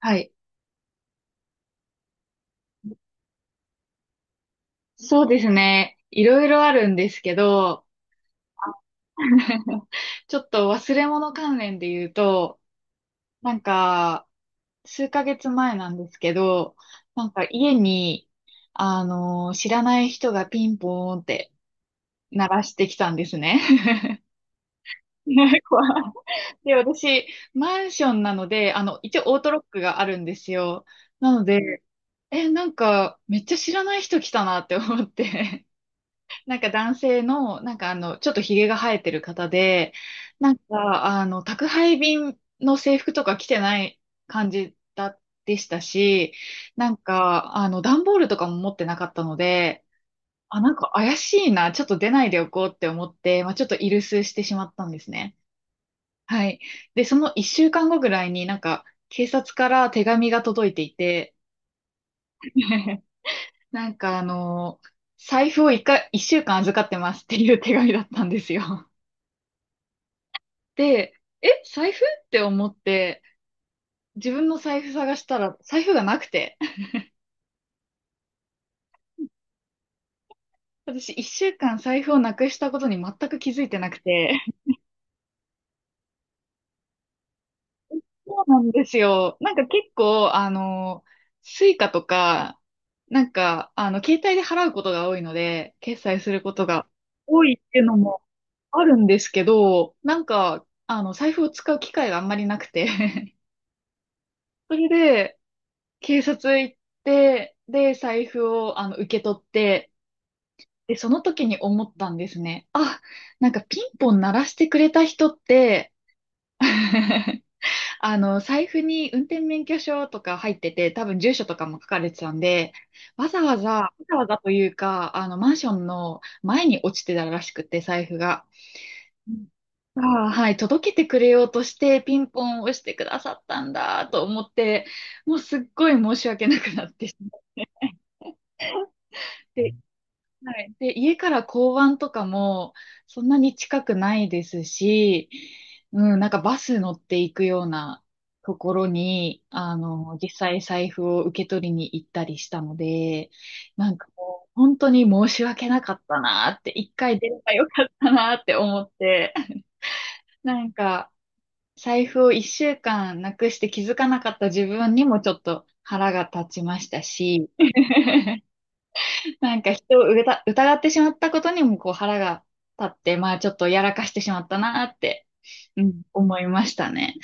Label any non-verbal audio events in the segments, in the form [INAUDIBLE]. はい。そうですね。いろいろあるんですけど、[LAUGHS] ちょっと忘れ物関連で言うと、なんか、数ヶ月前なんですけど、家に、知らない人がピンポーンって鳴らしてきたんですね。[LAUGHS] ね、怖い。で、私、マンションなので、一応オートロックがあるんですよ。なので、めっちゃ知らない人来たなって思って。男性の、ちょっとひげが生えてる方で、宅配便の制服とか着てない感じだ、でしたし、段ボールとかも持ってなかったので、あ、怪しいな、ちょっと出ないでおこうって思って、まあ、ちょっとイルスしてしまったんですね。はい。で、その一週間後ぐらいに警察から手紙が届いていて、[LAUGHS] なんかあの、財布を一週間預かってますっていう手紙だったんですよ。で、財布って思って、自分の財布探したら、財布がなくて。[LAUGHS] 私、一週間財布をなくしたことに全く気づいてなくて。[LAUGHS] そうなんですよ。結構、スイカとか、携帯で払うことが多いので、決済することが多いっていうのもあるんですけど、財布を使う機会があんまりなくて。[LAUGHS] それで、警察行って、で、財布を、受け取って、で、その時に思ったんですね。あ、ピンポン鳴らしてくれた人って、[LAUGHS] 財布に運転免許証とか入ってて、多分住所とかも書かれてたんで、わざわざ、わざわざというか、マンションの前に落ちてたらしくて、財布が。うん。ああ、はい、届けてくれようとして、ピンポンを押してくださったんだと思って、もうすっごい申し訳なくなってしまって、はい。で、家から交番とかもそんなに近くないですし、うん、バス乗っていくようなところに、実際財布を受け取りに行ったりしたので、もう本当に申し訳なかったなって、一回出ればよかったなって思って、なんか財布を一週間なくして気づかなかった自分にもちょっと腹が立ちましたし、[LAUGHS] 人を疑ってしまったことにもこう腹が立って、まあちょっとやらかしてしまったなーって、うん、思いましたね。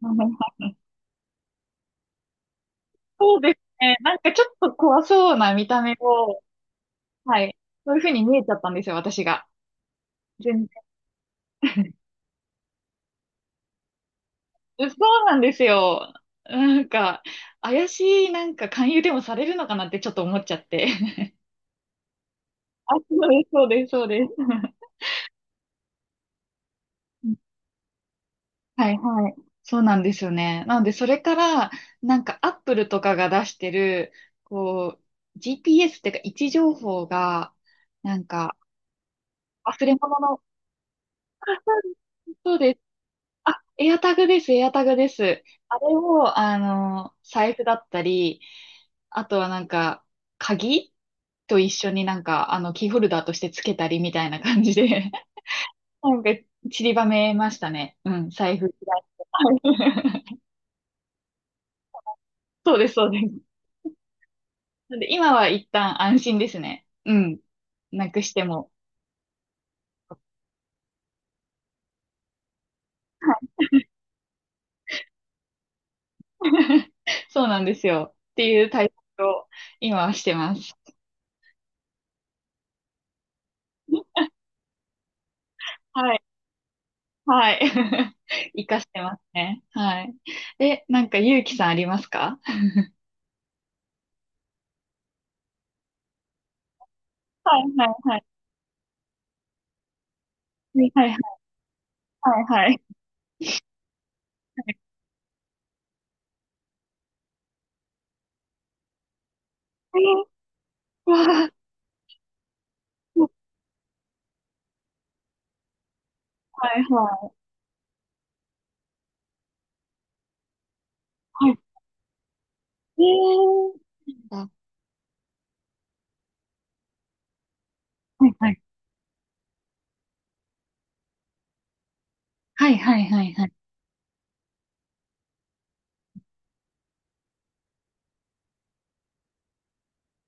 [LAUGHS] そうですね。ちょっと怖そうな見た目を、はい。そういうふうに見えちゃったんですよ、私が。全然。[LAUGHS] そうなんですよ。なんか、怪しい、勧誘でもされるのかなってちょっと思っちゃって。[LAUGHS] あ、そうです、そうです、そうです。[LAUGHS] はいはい。そうなんですよね。なので、それから、アップルとかが出してる、こう、GPS っていうか、位置情報が、なんか、忘れ物の、あ、そうです。あ、エアタグです、エアタグです。あれを、財布だったり、あとは鍵と一緒にキーホルダーとしてつけたりみたいな感じで、[LAUGHS] なんか、散りばめましたね。うん、財布。はい。 [LAUGHS] そうです、そうです。なんで今は一旦安心ですね。うん。なくしても。[LAUGHS] そうなんですよ。っていう対策を今はしてます。はい。はい。[LAUGHS] 活かしてますね。はい。ゆうきさん、ありますか？はいはいはい。はいはいはいはい。えー。わあ。はいはいはい。えー。あ、はいはいはいはいはいはい。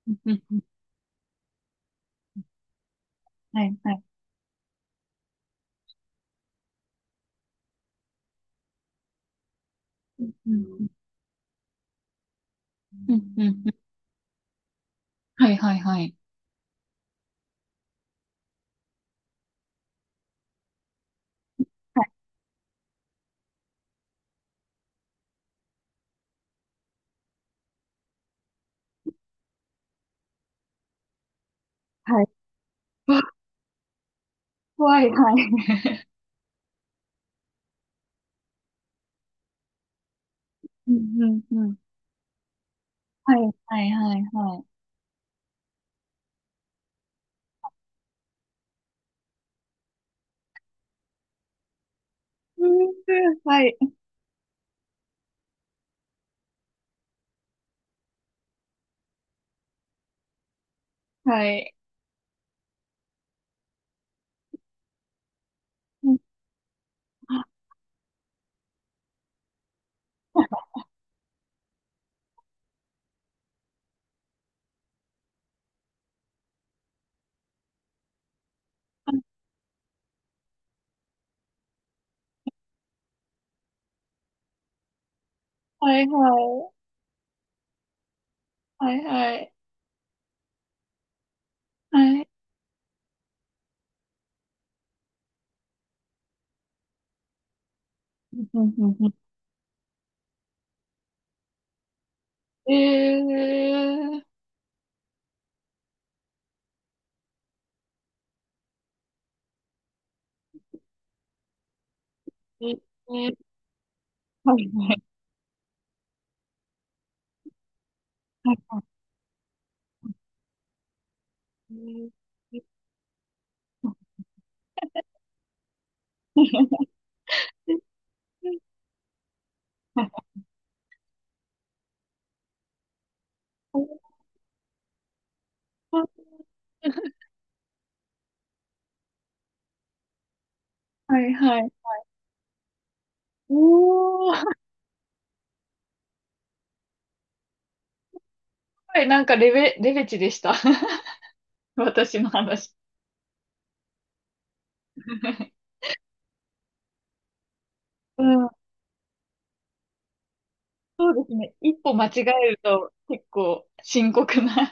うんうんうん。はいはい。うんうんうんうんうん。はいはいはい。はいはい。わ、怖い。はい。うんうんうん。はいはいはいはい。うんうん。はい。はい。うん。はいはい。はいはい。はい。うんうんうん。えー。ええ。はいはいはいはい。えー。はいはい。おー。はい、レベチでした。[LAUGHS] 私の話。[LAUGHS] うん、そうですね。一歩間違えると結構深刻な。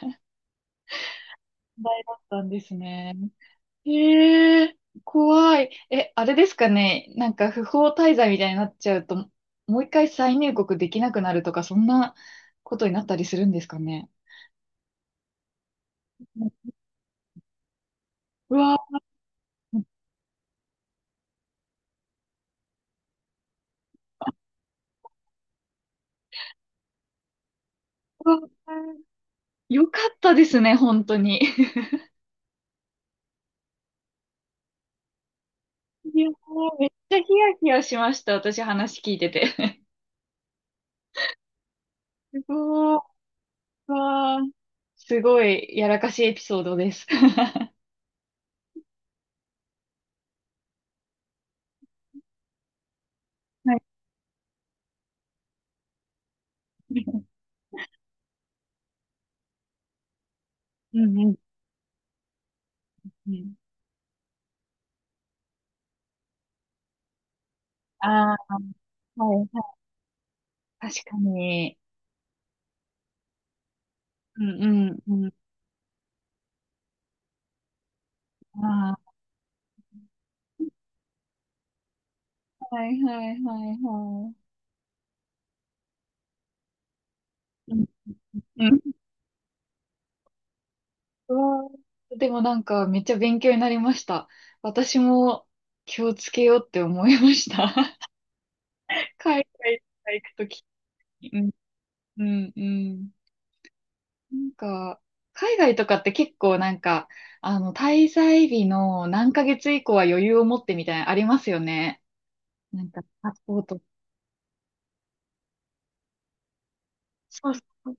題だったんですね。へえ、怖い。え、あれですかね。不法滞在みたいになっちゃうと、もう一回再入国できなくなるとか、そんなことになったりするんですかね。うわ、うわ、よかったですね、本当に。[LAUGHS] いやー、めっちゃヒヤヒヤしました、私話聞いてて。[LAUGHS] すごい、うわー、すごいやらかしいエピソードです。[LAUGHS] はい。うんうんうん。ああ、はい。確かに。うんうんうん。ああ、はいはいはいはい。うんうん。うわー、でもめっちゃ勉強になりました。私も気をつけようって思いました。[LAUGHS] 海外とか行くときに。うん、うん、うん。なんか、海外とかって結構滞在日の何ヶ月以降は余裕を持ってみたいなのありますよね。パスポート。そうそう。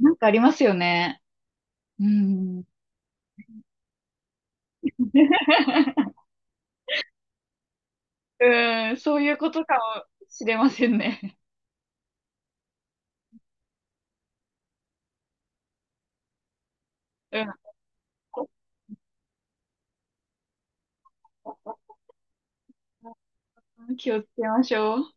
なんかありますよね。うん。[LAUGHS] うん、そういうことかもしれませんね。うん。気をつけましょう。